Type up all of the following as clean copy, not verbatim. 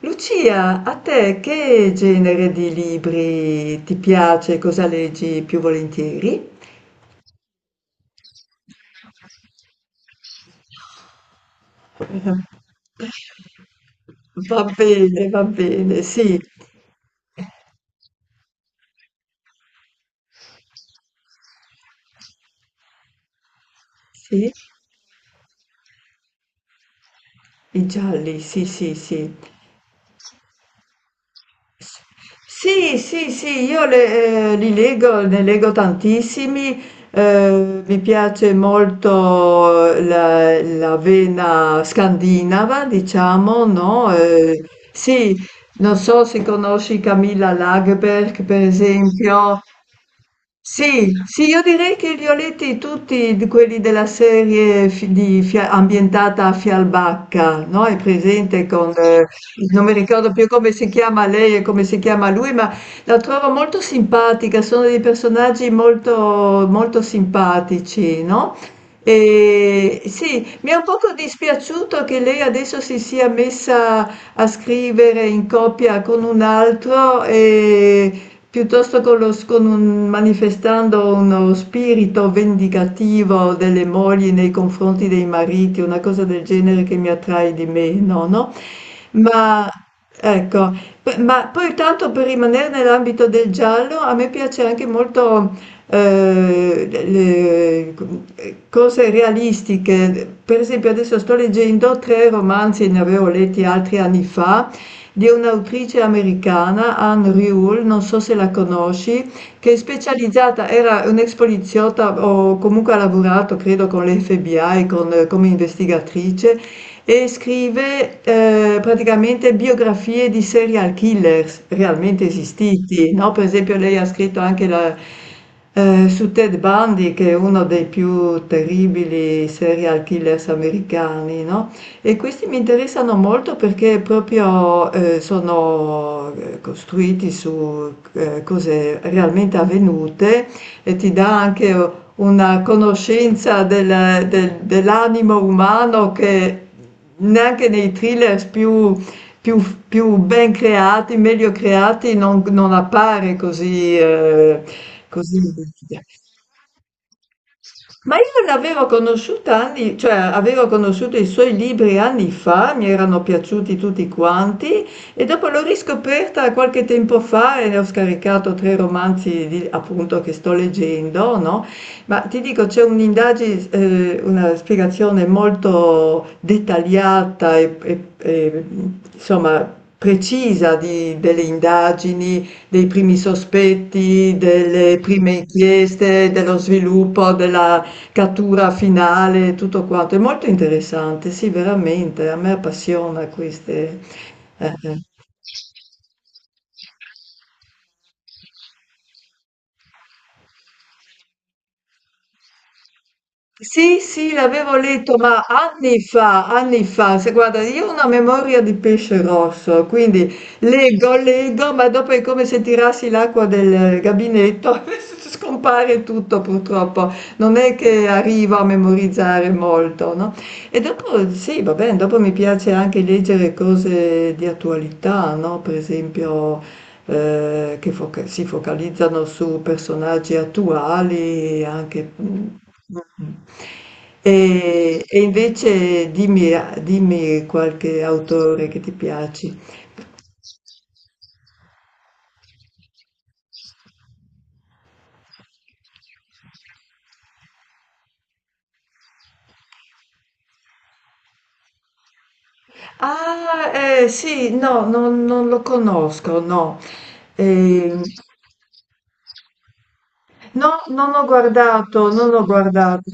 Lucia, a te che genere di libri ti piace? Cosa leggi più volentieri? Va bene, sì, sì, i gialli, sì, sì, sì. Sì, sì, sì, li leggo, ne leggo tantissimi, mi piace molto la vena scandinava, diciamo, no? Sì, non so se conosci Camilla Lagerberg, per esempio. Sì, sì, io direi che li ho letti tutti quelli della serie ambientata a Fialbacca, no? È presente con, non mi ricordo più come si chiama lei e come si chiama lui, ma la trovo molto simpatica, sono dei personaggi molto, molto simpatici, no? E sì, mi è un poco dispiaciuto che lei adesso si sia messa a scrivere in coppia con un altro e piuttosto con lo- con un- manifestando uno spirito vendicativo delle mogli nei confronti dei mariti, una cosa del genere che mi attrae di meno, no? Ma ecco, ma poi tanto per rimanere nell'ambito del giallo, a me piace anche molto eh, le- cose realistiche. Per esempio, adesso sto leggendo tre romanzi, ne avevo letti altri anni fa, di un'autrice americana, Anne Rule, non so se la conosci, che è specializzata, era un ex poliziotta o comunque ha lavorato credo con l'FBI, con, come investigatrice, e scrive praticamente biografie di serial killers realmente esistiti, no? Per esempio lei ha scritto anche su Ted Bundy, che è uno dei più terribili serial killers americani, no? E questi mi interessano molto perché proprio sono costruiti su cose realmente avvenute e ti dà anche una conoscenza dell'animo umano che neanche nei thriller più- più ben creati, meglio creati, non, non appare così, così. Ma io l'avevo conosciuta anni, cioè avevo conosciuto i suoi libri anni fa, mi erano piaciuti tutti quanti, e dopo l'ho riscoperta qualche tempo fa e ne ho scaricato tre romanzi appunto che sto leggendo, no? Ma ti dico, c'è un'indagine, una spiegazione molto dettagliata e, insomma precisa delle indagini, dei primi sospetti, delle prime inchieste, dello sviluppo della cattura finale, tutto quanto. È molto interessante, sì, veramente, a me appassiona queste... eh, eh. Sì, sì, l'avevo letto, ma anni fa, se guarda, io ho una memoria di pesce rosso, quindi leggo, leggo, ma dopo è come se tirassi l'acqua del gabinetto, scompare tutto purtroppo, non è che arrivo a memorizzare molto, no? E dopo, sì, va bene, dopo mi piace anche leggere cose di attualità, no? Per esempio si focalizzano su personaggi attuali, anche... mm, mm. E invece dimmi, dimmi qualche autore che ti piaci. Ah, sì, no, non, non lo conosco, no. Ehm, no, non ho guardato, non ho guardato.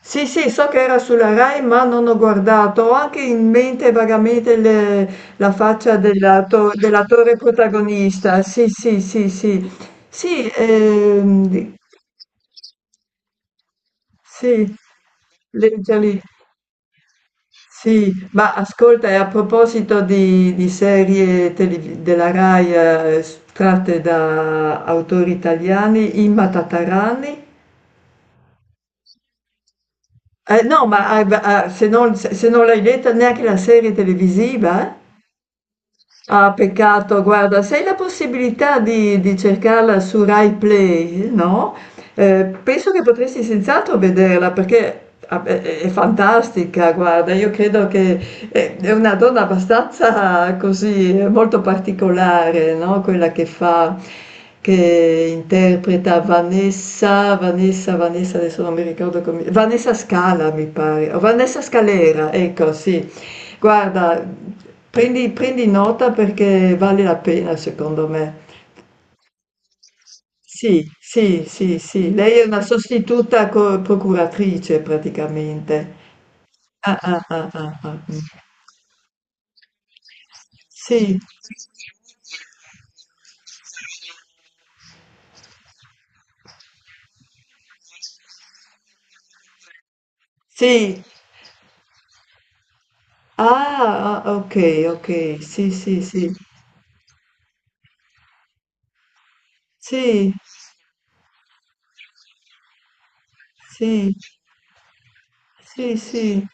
Sì, sì, so che era sulla Rai, ma non ho guardato. Ho anche in mente vagamente la faccia dell'attore protagonista. Sì, sì, sì, sì. Sì, sì, leggia lì. Sì, ma ascolta, e a proposito di serie della Rai tratte da autori italiani, Imma Tatarani. Eh no, ma hai ba ah, se non se non l'hai letta, neanche la serie televisiva? Eh? Ah, peccato, guarda, se hai la possibilità di cercarla su RaiPlay, no, penso che potresti senz'altro vederla perché beh, è fantastica, guarda, io credo che è una donna abbastanza così, molto particolare, no? Quella che fa, che interpreta Vanessa, Vanessa, Vanessa, adesso non mi ricordo come, Vanessa Scala mi pare, o Vanessa Scalera, ecco, sì. Guarda, prendi, prendi nota perché vale la pena secondo me. Sì, sì, sì, sì, lei è una sostituta procuratrice praticamente. Ah, ah, ah, ah, ah, mm. Sì, sì, ah, ah, ok, ok, sì, sì, sì, sì, sì, sì, sì.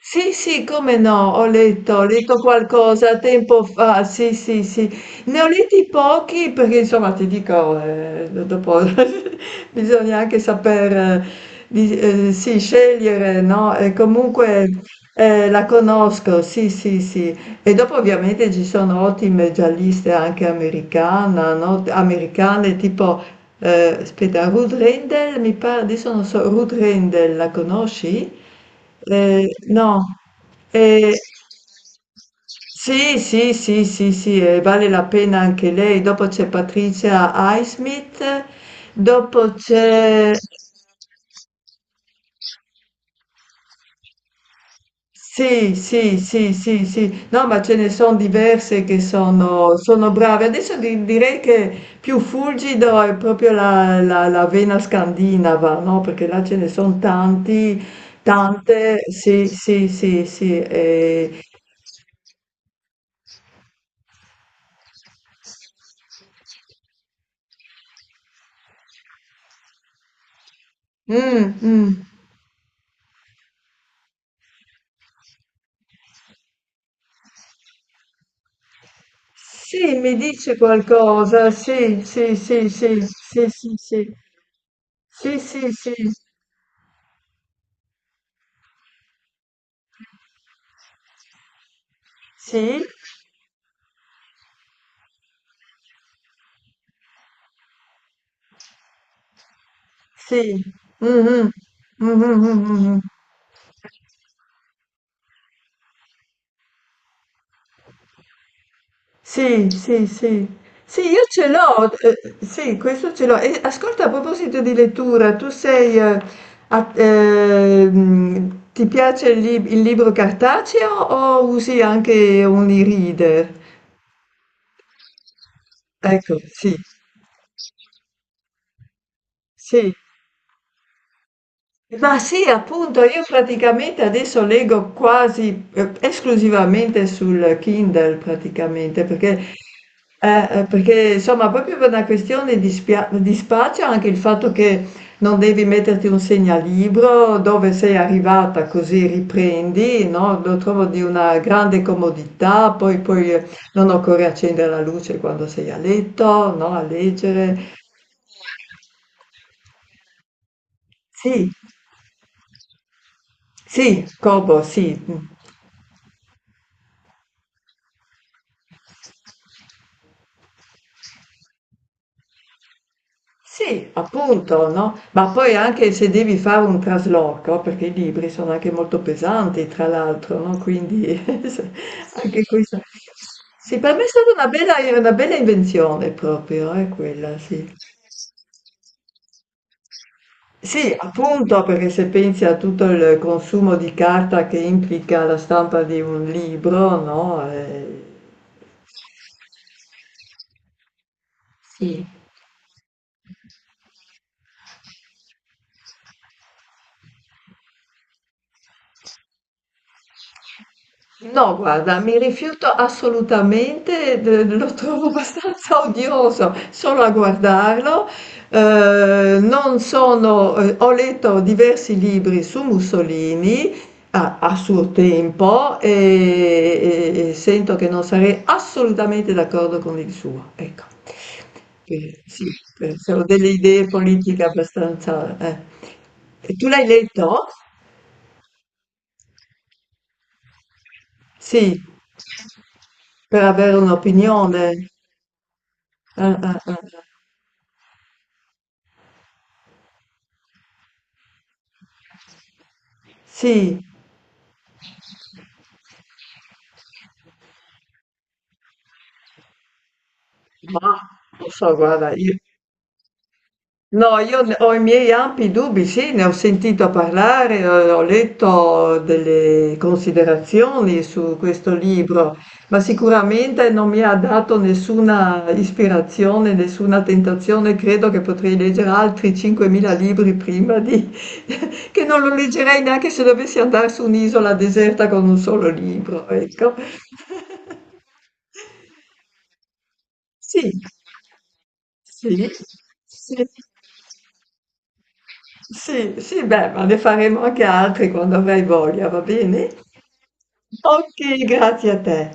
Sì, sì, come no, ho letto qualcosa tempo fa, sì, sì, sì. Ne ho letti pochi perché insomma ti dico, dopo bisogna anche saper, sì, scegliere, no? E comunque la conosco, sì, sì, sì. E dopo ovviamente ci sono ottime gialliste anche americana, no? Americane tipo aspetta, Ruth Rendell, mi pare, adesso non so, Ruth Rendell, la conosci? No. Eh, sì, sì, sì, sì, sì, vale la pena anche lei. Dopo c'è Patricia Highsmith, dopo c'è... Sì, sì, sì, sì, sì. No, ma ce ne sono diverse che sono, sono brave. Adesso direi che più fulgido è proprio la vena scandinava, no? Perché là ce ne sono tanti, tante. Sì, sì, sì, sì. Eh. Mm, mm. Sì, mi dice qualcosa. Sì, sì, sì, sì, sì, sì, sì. Sì, sì, sì, sì, sì. Mm, mm. Mm, mm, mm, mm, mm. Sì, sì, sì. Sì, io ce l'ho, sì, questo ce l'ho. E ascolta, a proposito di lettura, tu sei, ti piace il libro cartaceo o usi anche un e-reader? Ecco, sì, sì. Ma sì, appunto, io praticamente adesso leggo quasi esclusivamente sul Kindle, praticamente, perché, perché, insomma, proprio per una questione di spazio, anche il fatto che non devi metterti un segnalibro dove sei arrivata, così riprendi, no? Lo trovo di una grande comodità, poi, poi non occorre accendere la luce quando sei a letto, no? A leggere. Sì, sì, Kobo, sì. Sì, appunto, no? Ma poi anche se devi fare un trasloco, perché i libri sono anche molto pesanti, tra l'altro, no? Quindi se- anche sì, questo. Sì, per me è stata una bella invenzione proprio, quella, sì. Sì, appunto, perché se pensi a tutto il consumo di carta che implica la stampa di un libro, no? Sì. No, guarda, mi rifiuto assolutamente, lo trovo abbastanza odioso solo a guardarlo. Non sono, ho letto diversi libri su Mussolini a, suo tempo e sento che non sarei assolutamente d'accordo con il suo. Ecco, che sì, sono delle idee politiche abbastanza.... E tu l'hai letto? Sì, per avere un'opinione. Ah, ah, ah. Sì, ma non so, guarda, io no, ho i miei ampi dubbi, sì, ne ho sentito parlare, ho letto delle considerazioni su questo libro, ma sicuramente non mi ha dato nessuna ispirazione, nessuna tentazione. Credo che potrei leggere altri 5.000 libri prima di... che non lo leggerei neanche se dovessi andare su un'isola deserta con un solo libro, ecco. Sì, sì, sì. Sì, sì, beh, ma ne faremo anche altri quando avrai voglia, va bene? Ok, grazie a te.